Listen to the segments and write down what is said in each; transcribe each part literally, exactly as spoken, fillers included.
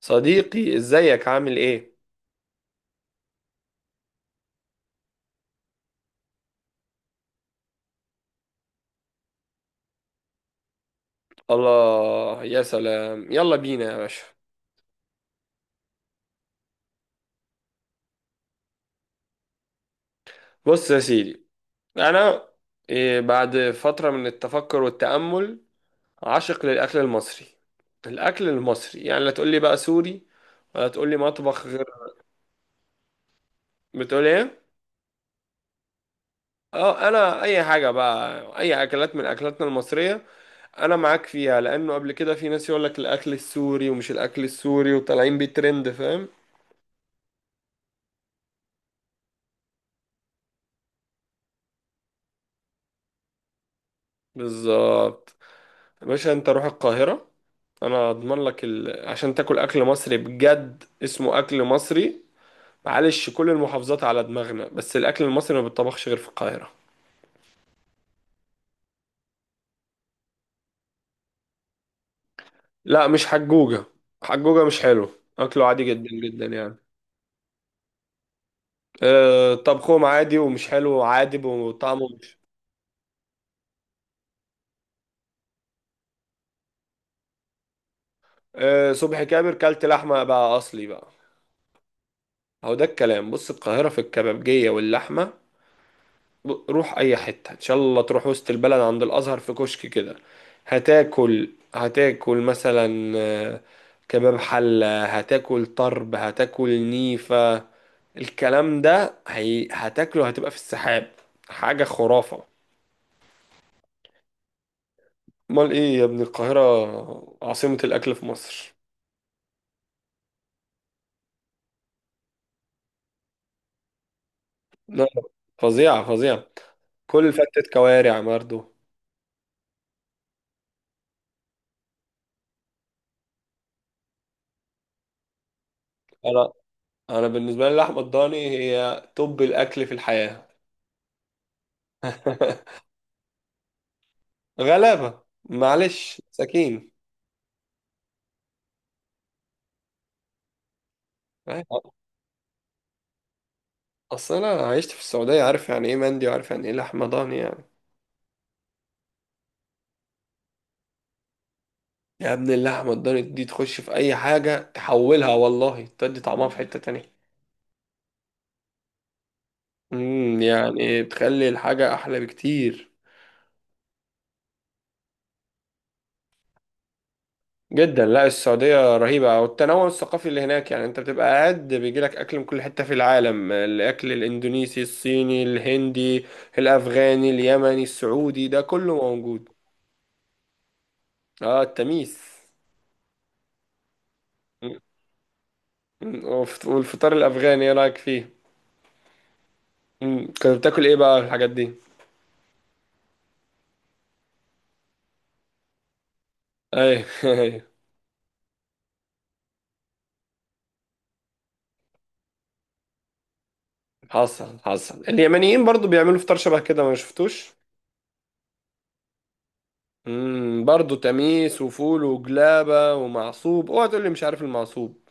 صديقي ازيك عامل ايه؟ الله يا سلام، يلا بينا يا باشا. بص يا سيدي. انا إيه، بعد فترة من التفكر والتأمل، عاشق للأكل المصري. الأكل المصري يعني، لا تقول لي بقى سوري ولا تقول لي مطبخ غير. بتقول ايه؟ اه، انا اي حاجة بقى، اي اكلات من اكلاتنا المصرية انا معاك فيها، لانه قبل كده في ناس يقول لك الاكل السوري ومش الاكل السوري وطالعين بترند، فاهم. بالظبط. يا باشا انت روح القاهرة، انا اضمن لك ال... عشان تاكل اكل مصري بجد اسمه اكل مصري. معلش كل المحافظات على دماغنا، بس الاكل المصري ما بيتطبخش غير في القاهرة. لا مش حجوجة، حجوجة مش حلو. اكله عادي جدا جدا يعني. أه، طبخهم عادي ومش حلو، عادي وطعمه مش... أه، صبحي كابر كلت لحمة بقى، اصلي بقى. هو ده الكلام. بص القاهرة في الكبابجية واللحمة. روح اي حتة ان شاء الله، تروح وسط البلد عند الازهر في كشك كده، هتاكل، هتاكل مثلا آه، كباب حلة، هتاكل طرب، هتاكل نيفة. الكلام ده هي... هتاكله، هتبقى في السحاب. حاجة خرافة. امال ايه يا ابني، القاهرة عاصمة الاكل في مصر. لا، فظيعة فظيعة. كل فتة كوارع برضه. انا انا بالنسبة لي لحمة الضاني هي توب الاكل في الحياة. غلابة، معلش مساكين. اصل انا عشت في السعودية، عارف يعني ايه مندي وعارف يعني ايه لحمة ضاني يعني. يا ابن اللحمة الضاني دي تخش في اي حاجة تحولها، والله تدي طعمها في حتة تانية. امم، يعني بتخلي الحاجة احلى بكتير جدا. لا السعودية رهيبة، والتنوع الثقافي اللي هناك يعني انت بتبقى قاعد بيجيلك اكل من كل حتة في العالم، الاكل الاندونيسي، الصيني، الهندي، الافغاني، اليمني، السعودي، ده كله موجود. اه التميس. مم. وف- والفطار الافغاني ايه رايك فيه؟ مم. كنت بتاكل ايه بقى الحاجات دي؟ ايوه، ايوه. حصل حصل. اليمنيين برضو بيعملوا فطار شبه كده، ما شفتوش. امم، برضو تميس وفول وجلابه ومعصوب. اوعى تقول لي مش عارف المعصوب.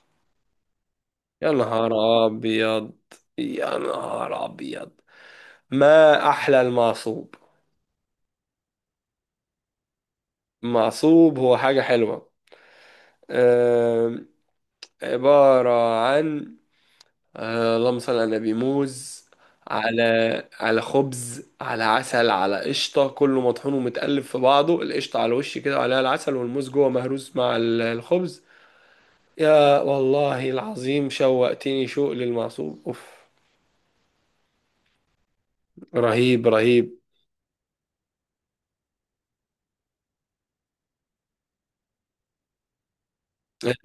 يا نهار ابيض، يا نهار ابيض، ما احلى المعصوب. المعصوب هو حاجه حلوه. أم، عباره عن آه اللهم صل على النبي، موز على على خبز على عسل على قشطة، كله مطحون ومتقلب في بعضه، القشطة على الوش كده وعليها العسل والموز جوه مهروس مع ال- الخبز. يا والله العظيم شوقتني شوق للمعصوب، اوف. رهيب رهيب.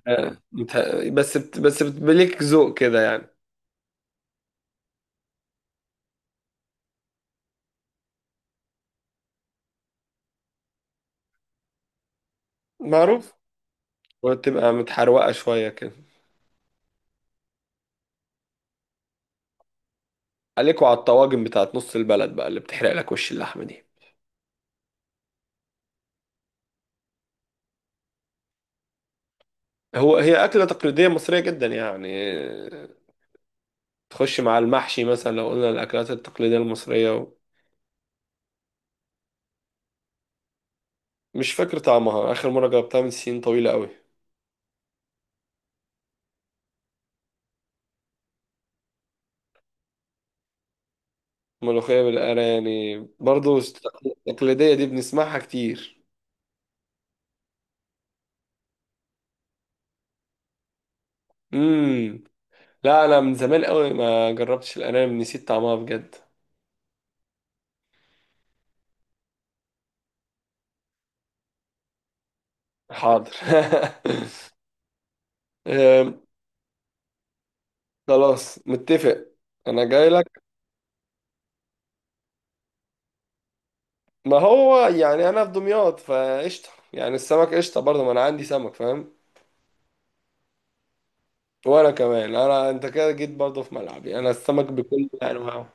آه مت- بس بت بس بتبليك ذوق كده يعني. معروف. وتبقى متحروقة شوية كده. عليكوا على الطواجن بتاعت نص البلد بقى اللي بتحرق لك وش اللحمة دي. هو هي أكلة تقليدية مصرية جدا يعني. تخش مع المحشي، مثلا لو قلنا الأكلات التقليدية المصرية و... مش فاكر طعمها، آخر مرة جربتها من سنين طويلة قوي. ملوخية بالقرا يعني برضو، التقليدية دي بنسمعها كتير. امم. لا أنا من زمان قوي ما جربتش الأرانب، نسيت طعمها بجد. حاضر. أم، خلاص متفق. أنا جاي لك. ما هو يعني أنا في دمياط فقشطة يعني، السمك قشطة برضه، ما أنا عندي سمك فاهم. وأنا كمان، أنا أنت كده جيت برضه في ملعبي، أنا السمك بكل أنواعه.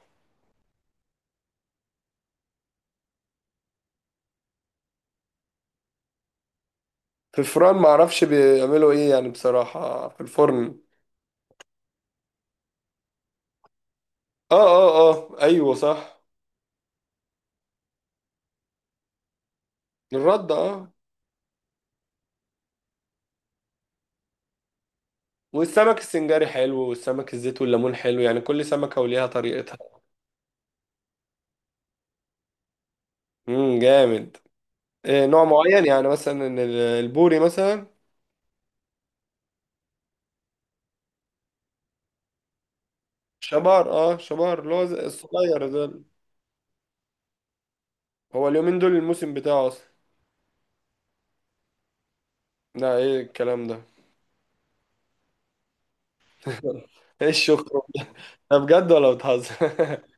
في الفرن ما اعرفش بيعملوا ايه يعني، بصراحة في الفرن. اه اه اه، ايوه صح. الرد، اه. والسمك السنجاري حلو، والسمك الزيت والليمون حلو، يعني كل سمكة وليها طريقتها. امم، جامد. إيه نوع معين يعني مثلا ال- البوري مثلا؟ شبار، اه شبار، اللي هو زي- الصغير ده. هو اليومين دول الموسم بتاعه اصلا. لا ايه الكلام ده. ايه الشخرم؟ ده بجد ولا بتهزر؟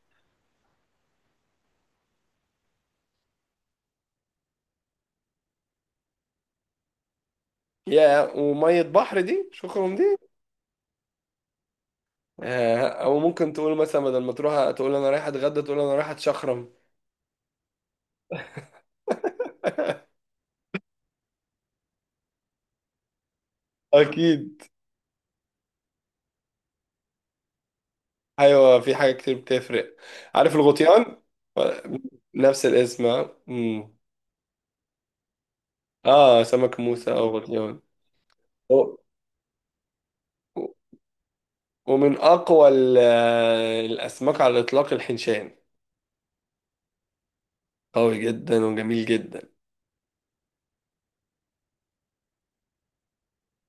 يا ومية بحر دي، شخرم دي. آه، او ممكن تقول مثلا بدل ما تروح تقول انا رايح اتغدى، تقول انا رايح اتشخرم. اكيد. ايوه، في حاجه كتير بتفرق. عارف الغطيان؟ نفس الاسم، اه. أمم. آه، سمك موسى او غطيان. و- ومن اقوى ال- آه، الاسماك على الاطلاق الحنشان. قوي جدا وجميل جدا.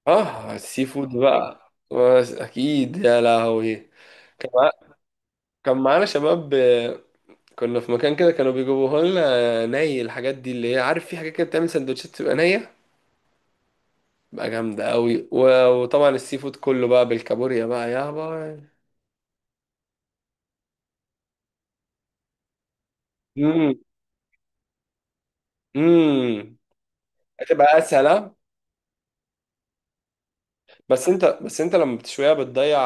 اه، السي فود بقى. بس اكيد يا لهوي. كان مع- كان معانا شباب، كنا في مكان كده كانوا بيجيبوها لنا ني، الحاجات دي اللي هي عارف، في حاجات كده بتعمل سندوتشات تبقى نية بقى، جامدة قوي. و- وطبعا السي فود كله بقى بالكابوريا بقى، يا باي. امم. امم. هتبقى اسهل، ها؟ بس انت بس انت لما بتشويها بتضيع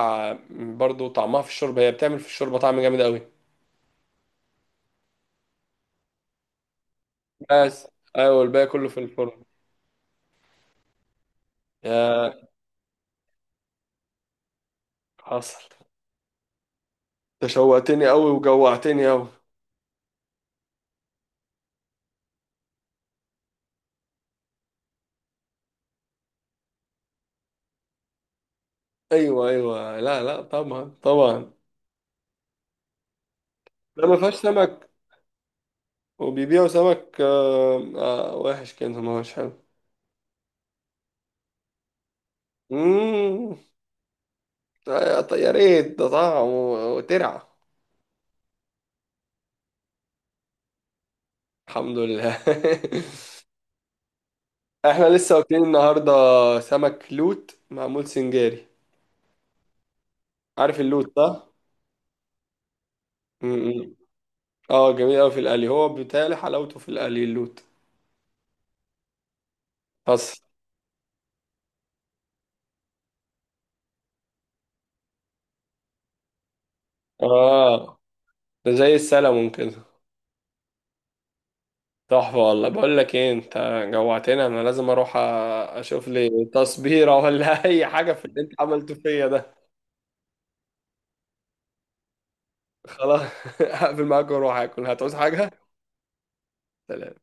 برضو طعمها في الشوربة، هي بتعمل في الشوربة طعم جامد قوي. بس ايوه، الباقي كله في الفرن. يا حصل. تشوقتني قوي وجوعتني قوي. ايوه ايوه، لا لا طبعا طبعا. ده ما فيهاش سمك. وبيبيعوا سمك آه آه وحش كده ما هوش حلو. مم. آه، طيب يا ريت ده طعم و- وترعة. الحمد لله. احنا لسه واكلين النهارده سمك لوت معمول سنجاري. عارف اللوت ده؟ مم. اه، جميل قوي في القلي، هو بيتهيألي حلاوته في القلي اللوت. بس. اه ده زي السلمون كده. تحفة والله. بقول لك ايه انت، جوعتنا. انا لازم اروح أ- اشوف لي تصبيرة، ولا اي حاجة في اللي انت عملته فيا ده. خلاص. هقفل معاك واروح اكل. هتعوز حاجة؟ سلام.